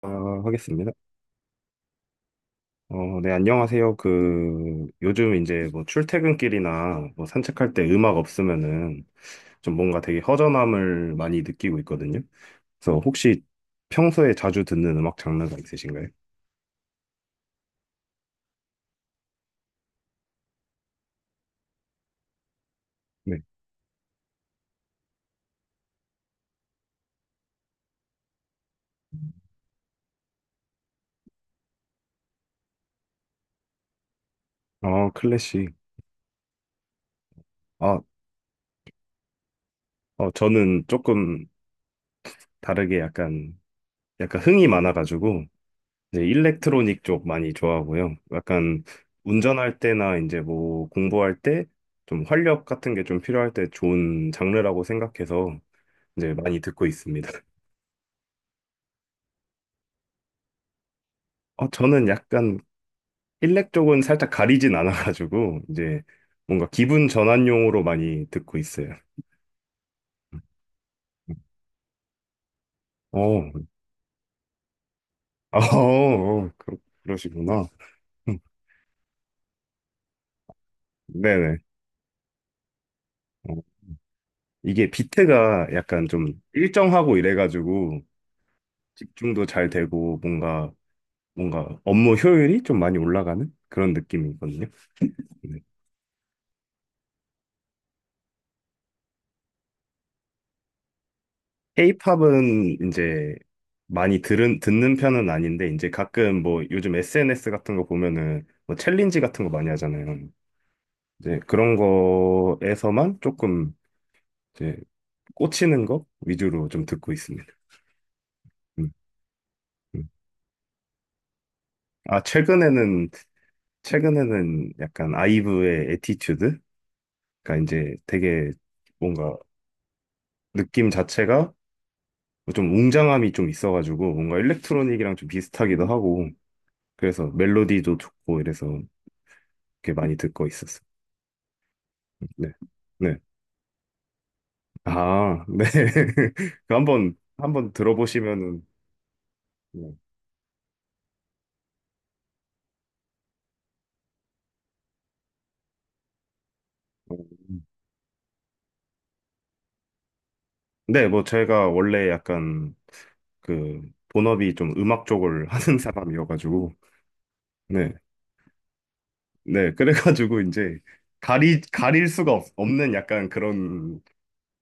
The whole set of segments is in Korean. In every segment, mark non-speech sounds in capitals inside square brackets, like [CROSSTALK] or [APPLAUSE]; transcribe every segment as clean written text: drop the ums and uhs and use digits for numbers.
아, 하겠습니다. 네, 안녕하세요. 요즘 이제 뭐 출퇴근길이나 뭐 산책할 때 음악 없으면은 좀 뭔가 되게 허전함을 많이 느끼고 있거든요. 그래서 혹시 평소에 자주 듣는 음악 장르가 있으신가요? 네. 어, 클래식. 아, 저는 조금 다르게 약간 흥이 많아가지고 이제 일렉트로닉 쪽 많이 좋아하고요. 약간 운전할 때나 이제 뭐 공부할 때 좀 활력 같은 게 좀 필요할 때 좋은 장르라고 생각해서 이제 많이 듣고 있습니다. [LAUGHS] 저는 약간 일렉 쪽은 살짝 가리진 않아가지고 이제 뭔가 기분 전환용으로 많이 듣고 있어요. 어, 아, 어, 그러시구나. [LAUGHS] 네네. 어, 이게 비트가 약간 좀 일정하고 이래가지고 집중도 잘 되고 뭔가 업무 효율이 좀 많이 올라가는 그런 느낌이거든요. 네. K-팝은 이제 듣는 편은 아닌데, 이제 가끔 뭐 요즘 SNS 같은 거 보면은 뭐 챌린지 같은 거 많이 하잖아요. 이제 그런 거에서만 조금 이제 꽂히는 거 위주로 좀 듣고 있습니다. 음, 음. 아, 최근에는, 최근에는 약간 아이브의 에티튜드? 그러니까 이제 되게 뭔가 느낌 자체가 좀 웅장함이 좀 있어가지고 뭔가 일렉트로닉이랑 좀 비슷하기도 하고 그래서 멜로디도 좋고 이래서 이렇게 많이 듣고 있었어요. 네. 네. 아, 네. [LAUGHS] 그 한번 들어보시면은 네. 음. 네, 뭐 제가 원래 약간 그 본업이 좀 음악 쪽을 [LAUGHS] 하는 사람이어가지고 네. 네. 그래가지고 이제 가리 가릴 수가 없는 약간 그런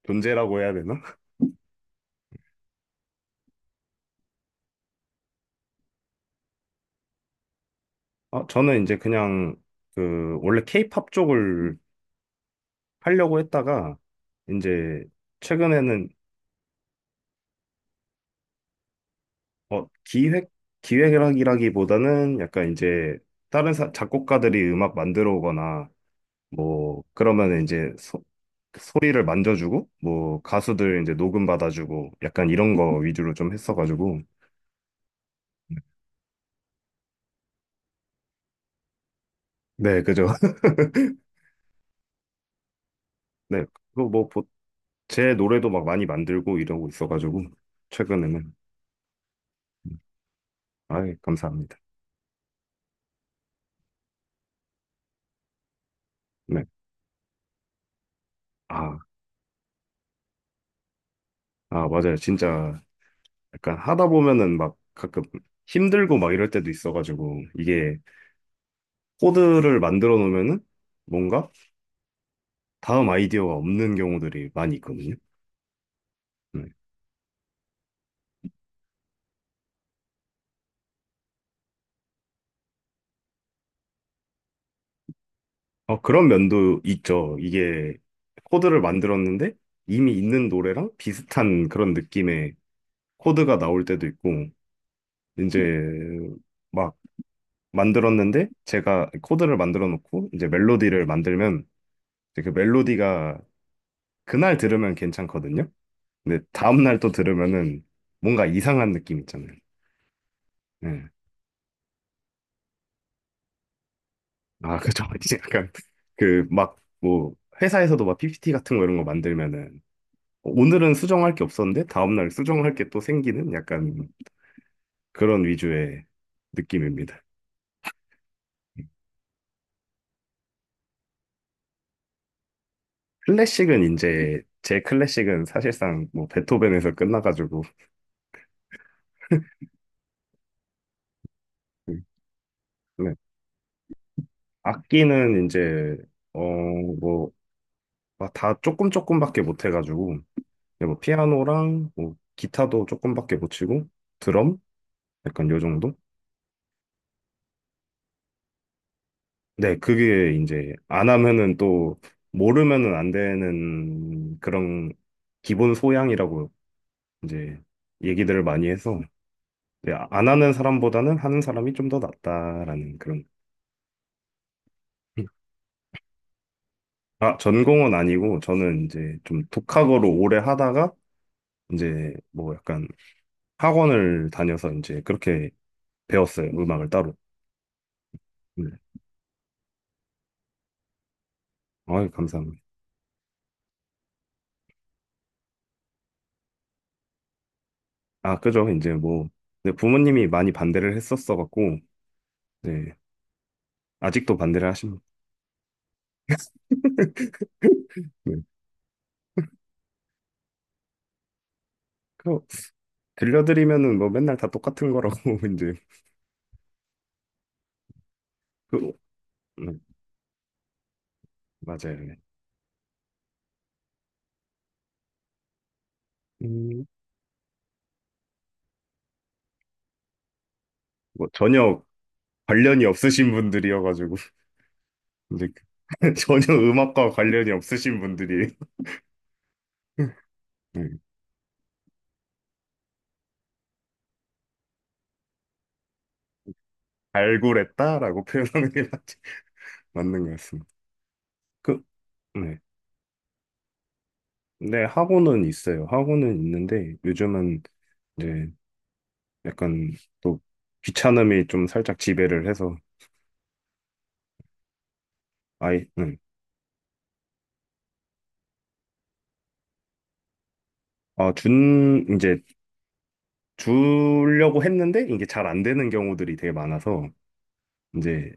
존재라고 해야 되나? 저는 이제 그냥 그 원래 케이팝 쪽을 하려고 했다가 이제 최근에는 어, 기획 기획이라기보다는 약간 이제 다른 작곡가들이 음악 만들어 오거나 뭐 그러면 이제 소리를 만져주고 뭐 가수들 이제 녹음 받아주고 약간 이런 거 위주로 좀 했어가지고 네 그죠. [LAUGHS] 네, 그거 뭐제 노래도 막 많이 만들고 이러고 있어가지고 최근에는 아이 감사합니다. 네. 아 아, 맞아요. 진짜 약간 하다 보면은 막 가끔 힘들고 막 이럴 때도 있어가지고 이게 코드를 만들어 놓으면은 뭔가 다음 아이디어가 없는 경우들이 많이 있거든요. 네. 어, 그런 면도 있죠. 이게 코드를 만들었는데 이미 있는 노래랑 비슷한 그런 느낌의 코드가 나올 때도 있고 이제 막 만들었는데 제가 코드를 만들어 놓고 이제 멜로디를 만들면 이제 그 멜로디가 그날 들으면 괜찮거든요. 근데 다음날 또 들으면은 뭔가 이상한 느낌 있잖아요. 예. 아, 그죠. [LAUGHS] 이제 약간 그 막 뭐 회사에서도 막 PPT 같은 거 이런 거 만들면은 오늘은 수정할 게 없었는데 다음날 수정할 게 또 생기는 약간 그런 위주의 느낌입니다. 클래식은 이제 제 클래식은 사실상 뭐 베토벤에서 끝나가지고 네. 악기는 이제 어 뭐 다 조금밖에 못 해가지고 그냥 뭐 피아노랑 뭐 기타도 조금밖에 못 치고 드럼 약간 요 정도? 네, 그게 이제 안 하면은 또 모르면은 안 되는 그런 기본 소양이라고 이제 얘기들을 많이 해서 네, 안 하는 사람보다는 하는 사람이 좀 더 낫다라는 그런 아, 전공은 아니고 저는 이제 좀 독학으로 오래 하다가 이제 뭐 약간 학원을 다녀서 이제 그렇게 배웠어요. 음악을 따로. 네. 아유, 감사합니다. 아, 그죠. 이제 뭐, 근데 부모님이 많이 반대를 했었어갖고, 네, 아직도 반대를 하십니다. [LAUGHS] 네. 그, 들려드리면은 뭐 맨날 다 똑같은 거라고, [LAUGHS] 이제. 그, 네, 맞아요. 네. 음, 뭐 전혀 관련이 없으신 분들이어가지고, [LAUGHS] 이제 그- [LAUGHS] 전혀 음악과 관련이 없으신 분들이 [LAUGHS] 네, 발굴했다라고 표현하는 게 맞는 것 같습니다. 그, 네. 네, 학원은 있어요. 학원은 있는데, 요즘은 이제 약간 또 귀찮음이 좀 살짝 지배를 해서 아이 아, 준 이제 주려고 했는데 이게 잘 안 되는 경우들이 되게 많아서 이제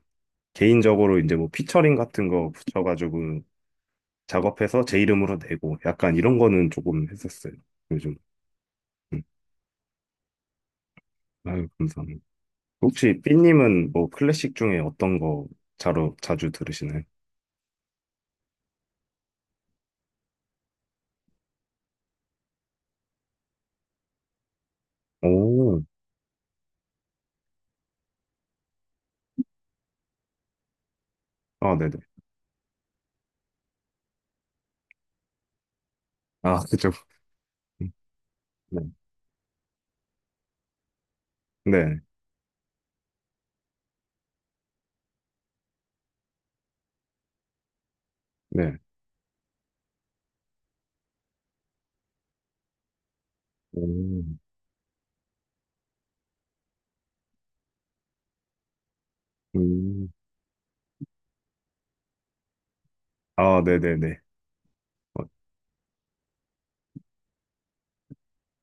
개인적으로 이제 뭐 피처링 같은 거 붙여가지고 작업해서 제 이름으로 내고 약간 이런 거는 조금 했었어요. 요즘 음. 아유 감사합니다. 혹시 삐님은 뭐 클래식 중에 어떤 거 자로 자주 들으시나요? 오, 아 네네 아 그죠 음, 네 네, 네. 오. 음. 아, 네네네. 어,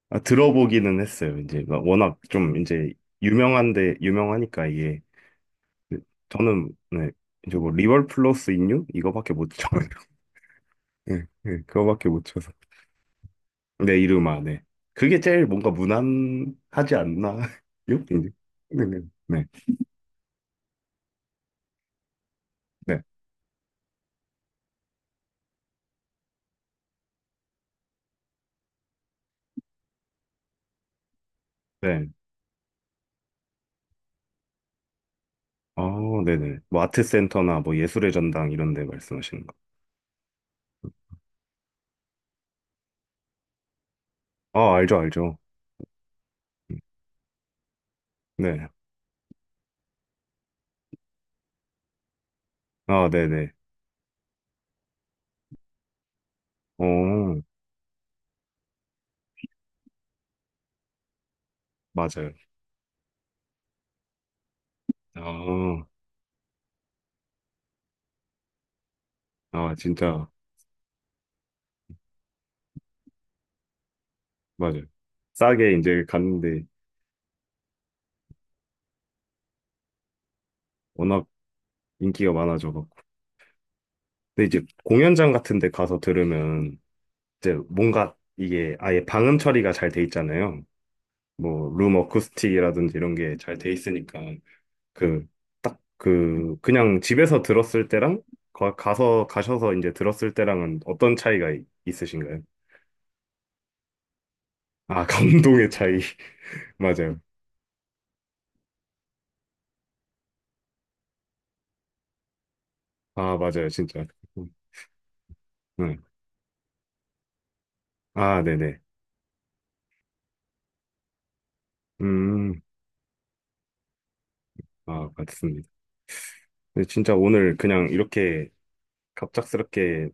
아, 들어보기는 했어요. 이제 막 워낙 좀 이제 유명한데 유명하니까 이게 그, 저는 네, 이제 뭐 리월 플러스 인유 이거밖에 못 쳐요. [LAUGHS] 네, 네, 그거밖에 못 쳐서. 네, 이름아. 네. 그게 제일 뭔가 무난하지 않나요? [LAUGHS] 이제. 네네. 네. 네. 네. 아, 네네. 뭐 아트센터나 뭐 예술의 전당 이런 데 말씀하시는 거. 아, 알죠. 네. 아, 네네. 어, 맞아요. 아, 아, 진짜. 맞아요. 싸게 이제 갔는데 워낙 인기가 많아져갖고. 근데 이제 공연장 같은 데 가서 들으면 이제 뭔가 이게 아예 방음 처리가 잘 돼 있잖아요. 뭐, 룸 어쿠스틱이라든지 이런 게 잘 돼 있으니까 그, 그냥 집에서 들었을 때랑 가셔서 이제 들었을 때랑은 어떤 차이가 있으신가요? 아, 감동의 차이. [LAUGHS] 맞아요. 아, 맞아요. 진짜. 음, 네. 아, 네네. 음, 아, 맞습니다. 근데 진짜 오늘 그냥 이렇게 갑작스럽게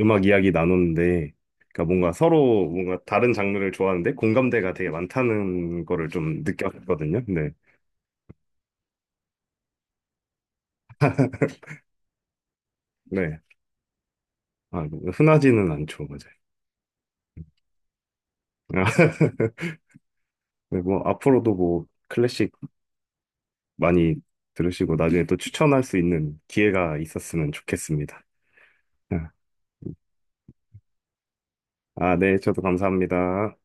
음악 이야기 나눴는데, 그러니까 뭔가 서로 뭔가 다른 장르를 좋아하는데 공감대가 되게 많다는 거를 좀 느꼈거든요. 근데, 네. 아, 흔하지는 않죠, 맞아요. [LAUGHS] 네, 뭐, 앞으로도 뭐, 클래식 많이 들으시고 나중에 또 추천할 수 있는 기회가 있었으면 좋겠습니다. 네. 아, 네. 저도 감사합니다.